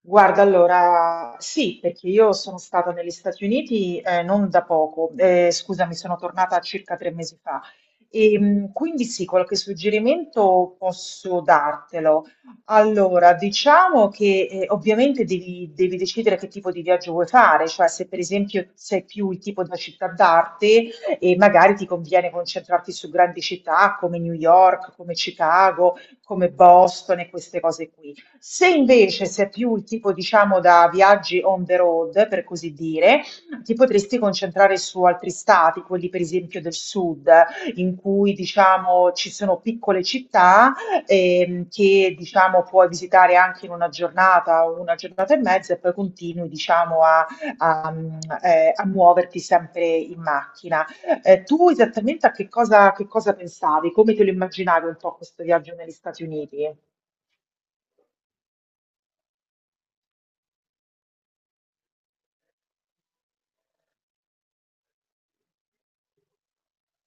Guarda, allora sì, perché io sono stata negli Stati Uniti non da poco, scusami, sono tornata circa 3 mesi fa. E, quindi sì, qualche suggerimento posso dartelo. Allora, diciamo che ovviamente devi decidere che tipo di viaggio vuoi fare, cioè se per esempio sei più il tipo da città d'arte e magari ti conviene concentrarti su grandi città come New York, come Chicago, come Boston e queste cose qui. Se invece sei più il tipo, diciamo, da viaggi on the road, per così dire, ti potresti concentrare su altri stati, quelli per esempio del sud, in cui, diciamo, ci sono piccole città che, diciamo, puoi visitare anche in una giornata o una giornata e mezza e poi continui, diciamo, a, mm, a muoverti sempre in macchina. Tu esattamente a che cosa pensavi? Come te lo immaginavi un po' questo viaggio negli Stati Uniti?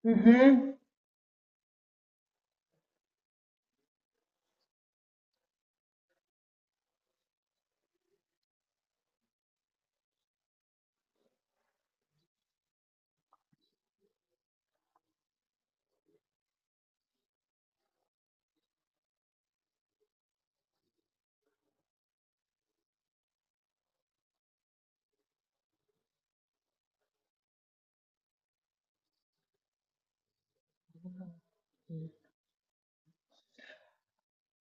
Mhm. Mm.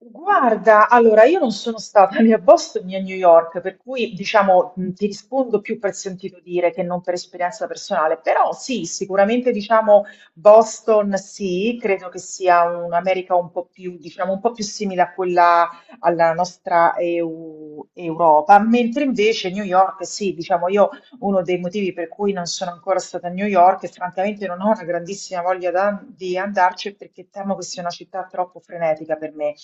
Guarda, allora io non sono stata né a Boston né a New York, per cui diciamo ti rispondo più per sentito dire che non per esperienza personale, però sì, sicuramente diciamo Boston sì, credo che sia un'America un po' più, diciamo, un po' più simile a quella alla nostra EU Europa, mentre invece New York sì, diciamo io uno dei motivi per cui non sono ancora stata a New York e francamente non ho una grandissima voglia di andarci è perché temo che sia una città troppo frenetica per me.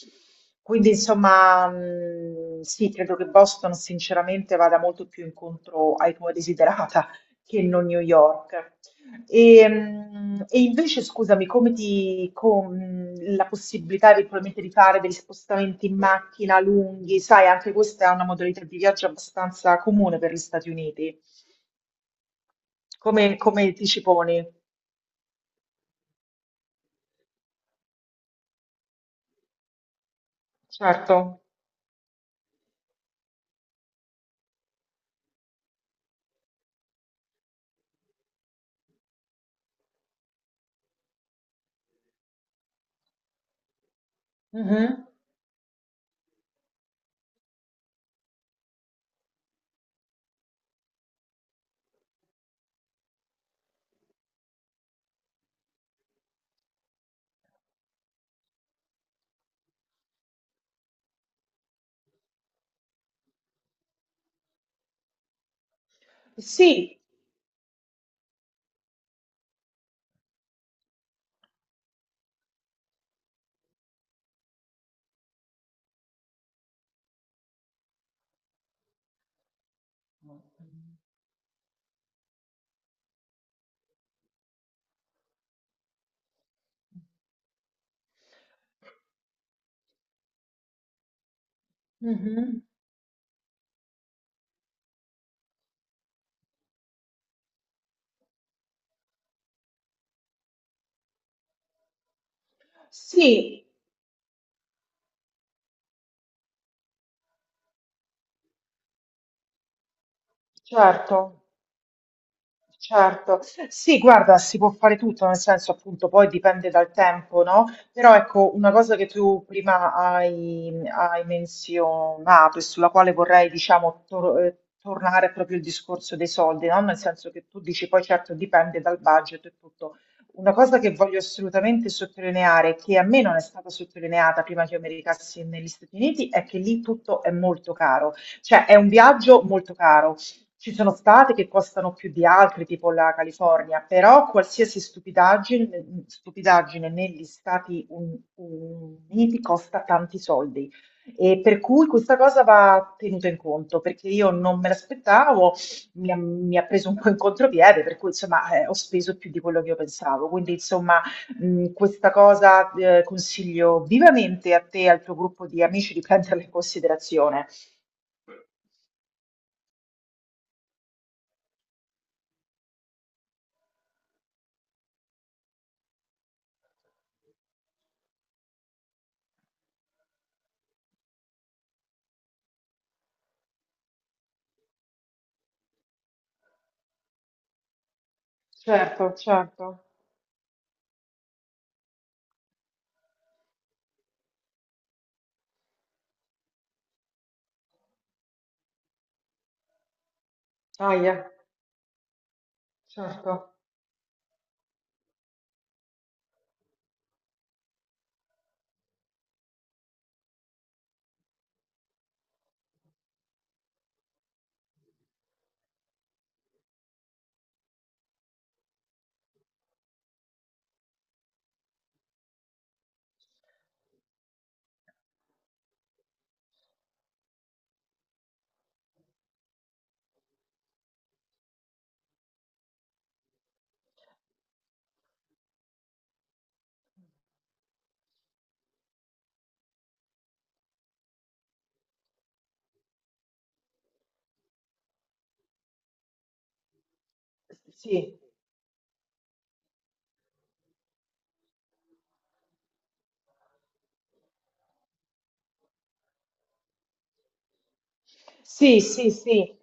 Quindi, insomma, sì, credo che Boston sinceramente vada molto più incontro ai tuoi desiderata che non New York. E invece, scusami, con la possibilità eventualmente di fare degli spostamenti in macchina lunghi, sai, anche questa è una modalità di viaggio abbastanza comune per gli Stati Uniti. Come ti ci poni? Certo. Mhm. Sì. Mhm. Sì, certo. Certo, sì, guarda, si può fare tutto, nel senso appunto poi dipende dal tempo, no? Però ecco, una cosa che tu prima hai menzionato e sulla quale vorrei, diciamo, tornare è proprio il discorso dei soldi, no? Nel senso che tu dici poi certo dipende dal budget e tutto. Una cosa che voglio assolutamente sottolineare, che a me non è stata sottolineata prima che io mi recassi negli Stati Uniti, è che lì tutto è molto caro, cioè è un viaggio molto caro. Ci sono stati che costano più di altri, tipo la California, però qualsiasi stupidaggine, stupidaggine negli Stati Uniti costa tanti soldi. E per cui questa cosa va tenuta in conto, perché io non me l'aspettavo, mi ha preso un po' in contropiede, per cui insomma ho speso più di quello che io pensavo. Quindi insomma questa cosa consiglio vivamente a te e al tuo gruppo di amici di prenderla in considerazione. Certo, certo. Ahia. Certo, sì. Sì, sì, sì,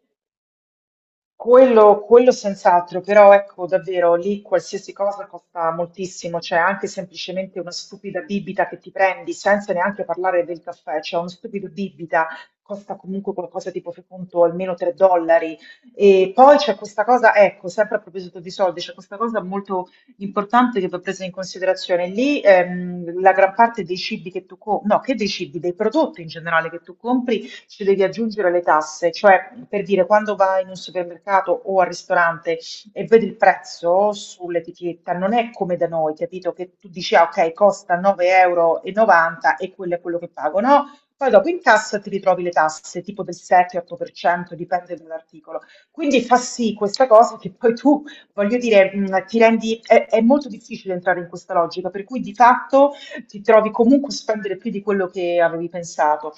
quello quello senz'altro, però ecco davvero lì qualsiasi cosa costa moltissimo, cioè anche semplicemente una stupida bibita che ti prendi senza neanche parlare del caffè, cioè uno stupido bibita costa comunque qualcosa tipo, fai conto, almeno 3 dollari. E poi c'è questa cosa, ecco, sempre a proposito di soldi, c'è questa cosa molto importante che va presa in considerazione. Lì la gran parte dei cibi che tu compri, no, che dei cibi, dei prodotti in generale che tu compri ci devi aggiungere le tasse, cioè per dire quando vai in un supermercato o al ristorante e vedi il prezzo sull'etichetta, non è come da noi, capito? Che tu dici, ah, ok, costa 9,90 euro e novanta e quello è quello che pago, no? Poi dopo in cassa ti ritrovi le tasse, tipo del 7-8%, dipende dall'articolo. Quindi fa sì questa cosa che poi tu, voglio dire, è molto difficile entrare in questa logica, per cui di fatto ti trovi comunque a spendere più di quello che avevi pensato.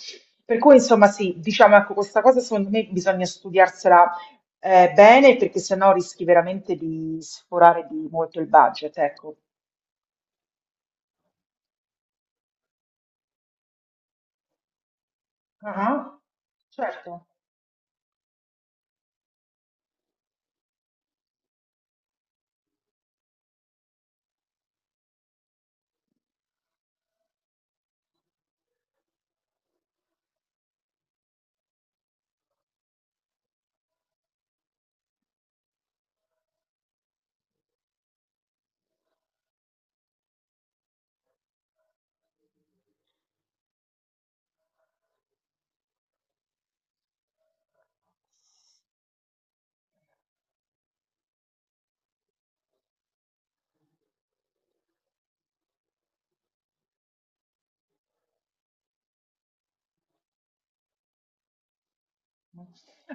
Per cui, insomma, sì, diciamo, ecco, questa cosa secondo me bisogna studiarsela bene perché sennò rischi veramente di sforare di molto il budget, ecco. Ah, certo.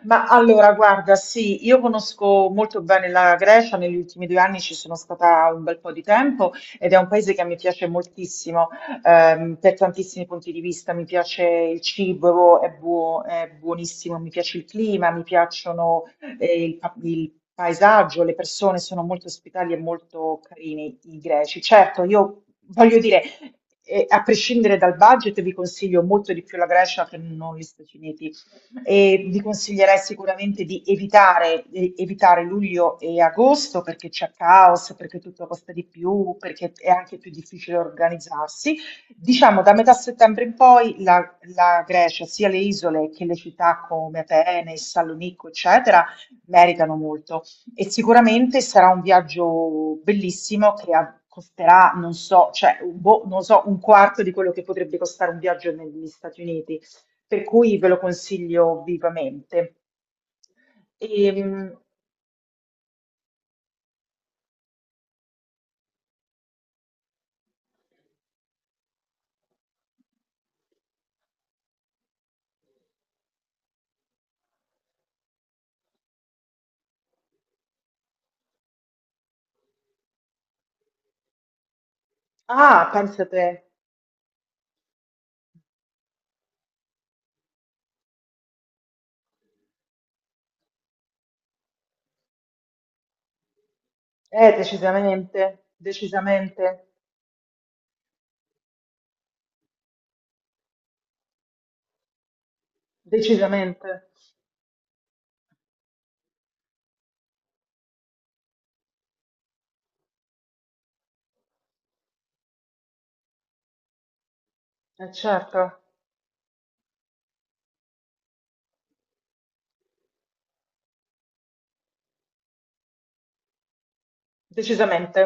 Ma allora, guarda, sì, io conosco molto bene la Grecia, negli ultimi 2 anni ci sono stata un bel po' di tempo ed è un paese che mi piace moltissimo, per tantissimi punti di vista, mi piace il cibo, è buonissimo, mi piace il clima, mi piacciono, il paesaggio, le persone sono molto ospitali e molto carini i greci. Certo, io voglio dire, a prescindere dal budget, vi consiglio molto di più la Grecia che non gli Stati Uniti e vi consiglierei sicuramente di evitare, luglio e agosto perché c'è caos, perché tutto costa di più, perché è anche più difficile organizzarsi. Diciamo da metà settembre in poi la Grecia, sia le isole che le città come Atene, Salonicco, eccetera, meritano molto e sicuramente sarà un viaggio bellissimo che costerà, non so, cioè, boh, non so, un quarto di quello che potrebbe costare un viaggio negli Stati Uniti, per cui ve lo consiglio vivamente. Ehm, ah, pensa te. Decisamente, decisamente, decisamente. Certo, decisamente.